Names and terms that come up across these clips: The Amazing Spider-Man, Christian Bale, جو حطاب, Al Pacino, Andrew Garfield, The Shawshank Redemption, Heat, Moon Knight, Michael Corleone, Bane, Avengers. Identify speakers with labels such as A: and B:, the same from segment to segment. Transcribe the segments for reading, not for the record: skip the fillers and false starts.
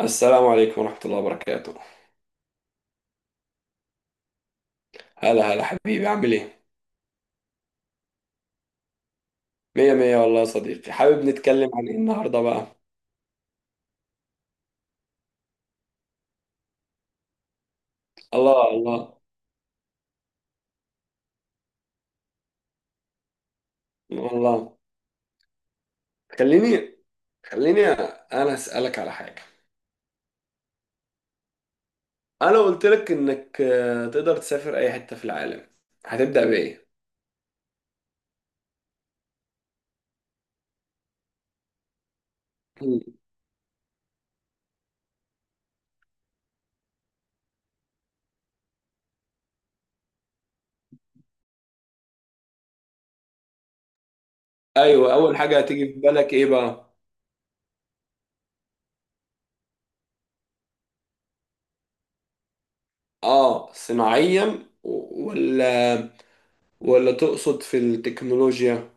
A: السلام عليكم ورحمة الله وبركاته. هلا هلا حبيبي، عامل ايه؟ مية مية والله يا صديقي، حابب نتكلم عن ايه النهاردة بقى؟ الله الله الله. خليني خليني انا اسألك على حاجة. انا قلت لك انك تقدر تسافر اي حتة في العالم، هتبدأ بإيه؟ مم. ايوه، اول حاجة هتيجي في بالك ايه بقى؟ اه، صناعيا ولا تقصد في التكنولوجيا؟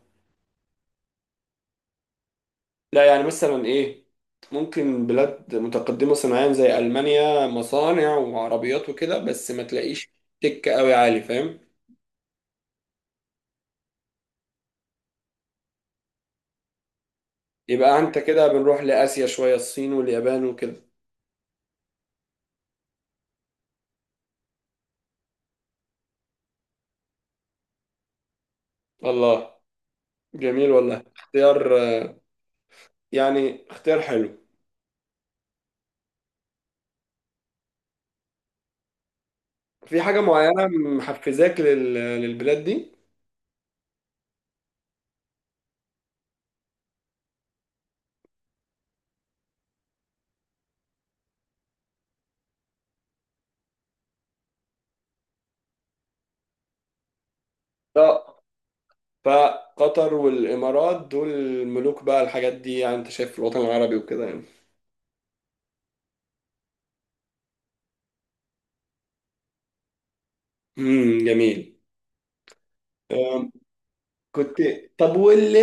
A: لا يعني مثلا ايه، ممكن بلاد متقدمة صناعيا زي ألمانيا، مصانع وعربيات وكده، بس ما تلاقيش تك قوي عالي، فاهم. يبقى انت كده بنروح لآسيا شوية، الصين واليابان وكده. الله، جميل والله اختيار، يعني اختيار حلو. في حاجة معينة محفزاك للبلاد دي؟ اه، فقطر والإمارات دول ملوك بقى الحاجات دي، يعني انت شايف في الوطن العربي وكده يعني. امم، جميل. آه، كنت طب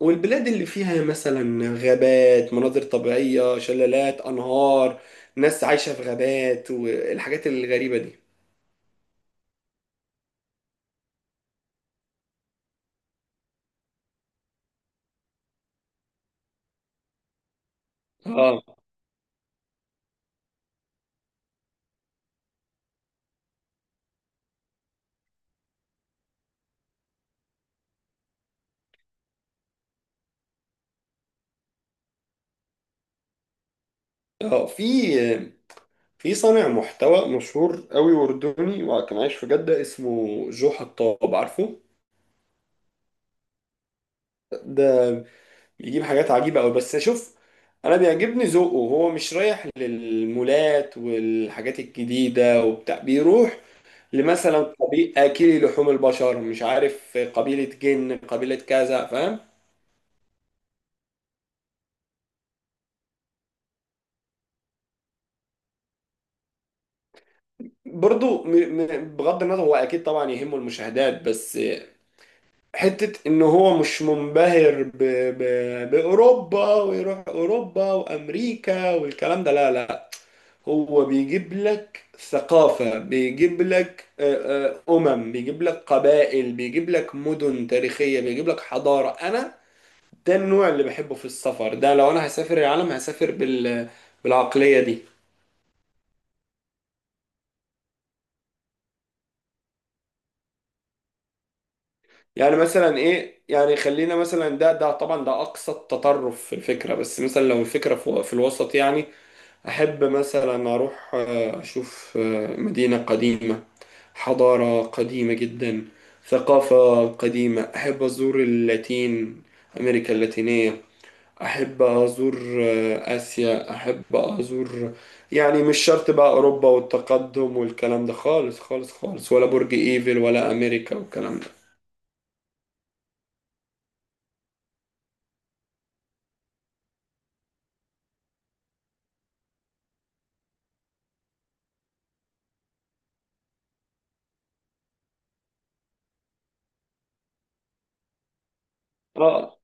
A: والبلاد اللي فيها مثلا غابات، مناظر طبيعية، شلالات، أنهار، ناس عايشة في غابات والحاجات الغريبة دي. اه، اه، في صانع محتوى مشهور قوي أردني، وكان عايش في جدة، اسمه جو حطاب، عارفه؟ ده بيجيب حاجات عجيبة قوي، بس شوف، أنا بيعجبني ذوقه. هو مش رايح للمولات والحاجات الجديدة وبتاع، بيروح لمثلا قبيل اكلي لحوم البشر، مش عارف قبيله جن، قبيله كذا، فاهم. برضو بغض النظر، هو اكيد طبعا يهمه المشاهدات، بس حته ان هو مش منبهر باوروبا، ويروح اوروبا وامريكا والكلام ده، لا لا، هو بيجيب لك ثقافه، بيجيب لك بيجيب لك قبائل، بيجيب لك مدن تاريخيه، بيجيب لك حضاره. انا ده النوع اللي بحبه في السفر، ده لو انا هسافر العالم هسافر بالعقلية دي. يعني مثلا ايه، يعني خلينا مثلا، ده طبعا ده اقصى التطرف في الفكرة، بس مثلا لو الفكرة في الوسط يعني، احب مثلا اروح اشوف مدينة قديمة، حضارة قديمة جدا، ثقافة قديمة. احب ازور اللاتين، امريكا اللاتينية، احب ازور اسيا، احب ازور. يعني مش شرط بقى اوروبا والتقدم والكلام ده خالص خالص خالص، ولا برج ايفل، ولا امريكا والكلام ده. اه،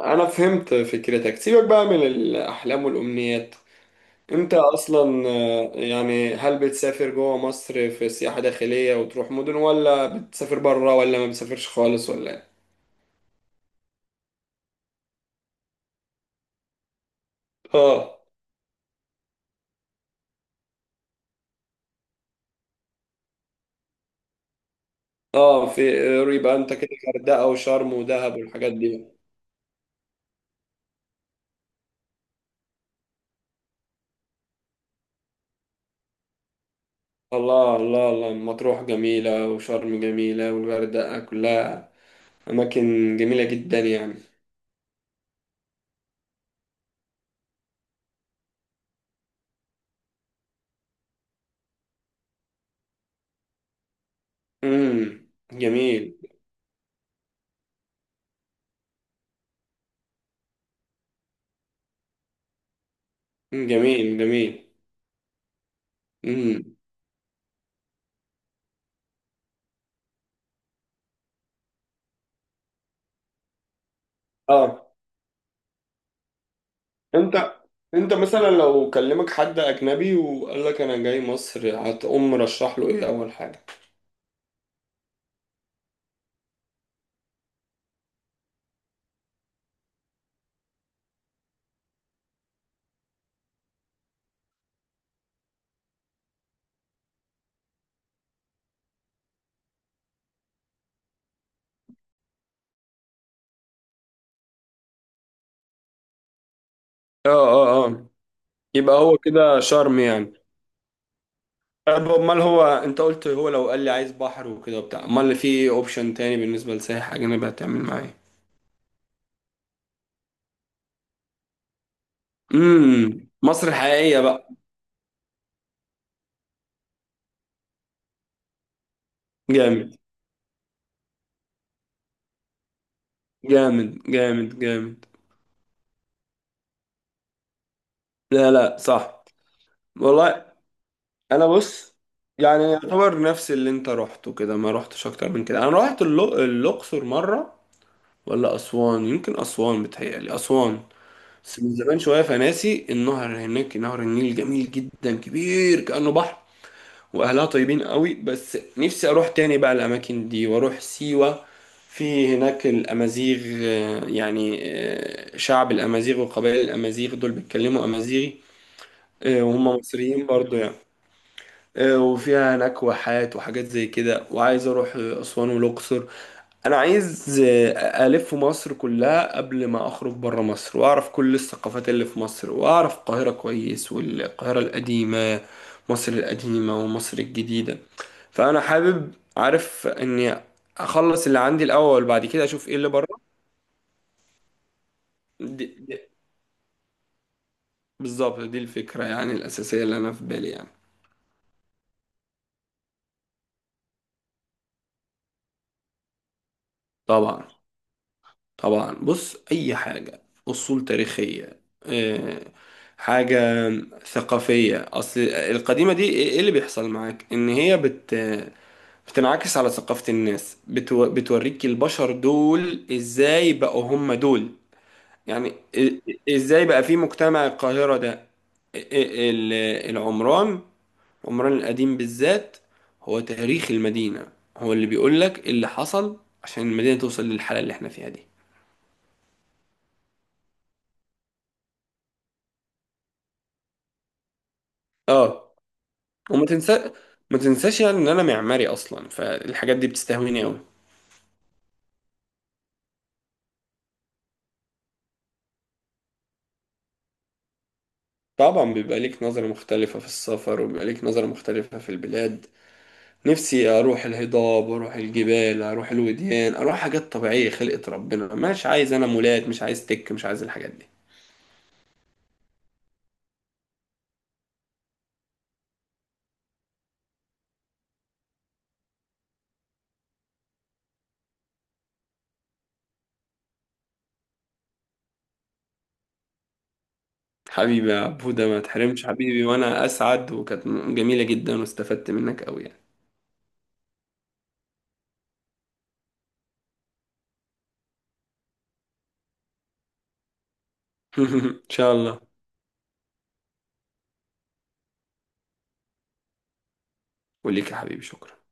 A: انا فهمت فكرتك. سيبك بقى من الاحلام والامنيات، انت اصلا يعني، هل بتسافر جوه مصر في سياحة داخلية وتروح مدن، ولا بتسافر بره، ولا ما بتسافرش خالص، ولا إيه؟ اه، اه، يبقى انت كده غردقة وشرم ودهب والحاجات دي. الله الله الله، مطروح جميلة، وشرم جميلة، والغردقة كلها أماكن جميلة جدا يعني. امم، جميل. مم، جميل جميل. امم اه، انت انت مثلا لو كلمك حد أجنبي وقال لك أنا جاي مصر، هتقوم مرشح له إيه أول حاجة؟ اه، اه، اه، يبقى هو كده شرم يعني. طب امال، هو انت قلت هو لو قال لي عايز بحر وكده وبتاع، امال في اوبشن تاني بالنسبه لسايح اجنبي هتعمل معاه؟ امم، مصر الحقيقيه بقى. جامد، جامد جامد جامد. لا لا، صح. والله، انا بص، يعني يعتبر نفس اللي انت رحته كده، ما رحتش اكتر من كده. انا رحت الاقصر مره ولا اسوان، يمكن اسوان، بتهيألي اسوان، بس من زمان شويه فناسي. النهر هناك، نهر النيل، جميل جدا، كبير كأنه بحر، واهلها طيبين قوي، بس نفسي اروح تاني بقى الاماكن دي واروح سيوة. في هناك الامازيغ، يعني شعب الامازيغ وقبائل الامازيغ دول بيتكلموا امازيغي، وهم مصريين برضو يعني. وفيها هناك واحات وحاجات زي كده، وعايز اروح اسوان والاقصر. انا عايز الف مصر كلها قبل ما اخرج بره مصر، واعرف كل الثقافات اللي في مصر، واعرف القاهرة كويس، والقاهرة القديمة، مصر القديمة ومصر الجديدة. فانا حابب، عارف اني اخلص اللي عندي الاول، بعد كده اشوف ايه اللي بره. دي بالظبط دي الفكرة يعني الاساسية اللي انا في بالي يعني. طبعا طبعا، بص اي حاجه، اصول تاريخيه، حاجه ثقافيه، اصل القديمه دي إيه اللي بيحصل معاك ان هي بتنعكس على ثقافه الناس، بتوريك البشر دول ازاي بقوا هم دول. يعني ازاي بقى في مجتمع القاهره ده، ال- ال- العمران، عمران القديم بالذات، هو تاريخ المدينه، هو اللي بيقولك اللي حصل عشان المدينه توصل للحاله اللي احنا فيها دي. اه، وما تنسى ما تنساش يعني ان انا معماري اصلا، فالحاجات دي بتستهويني قوي. طبعا بيبقى ليك نظرة مختلفة في السفر، وبيبقى ليك نظرة مختلفة في البلاد. نفسي اروح الهضاب، اروح الجبال، اروح الوديان، اروح حاجات طبيعية خلقة ربنا، مش عايز انا مولات، مش عايز تك، مش عايز الحاجات دي. حبيبي يا بودا، ما تحرمش حبيبي، وانا اسعد، وكانت جميلة جدا واستفدت منك قوي يعني. ان شاء الله. وليك يا حبيبي، شكرا.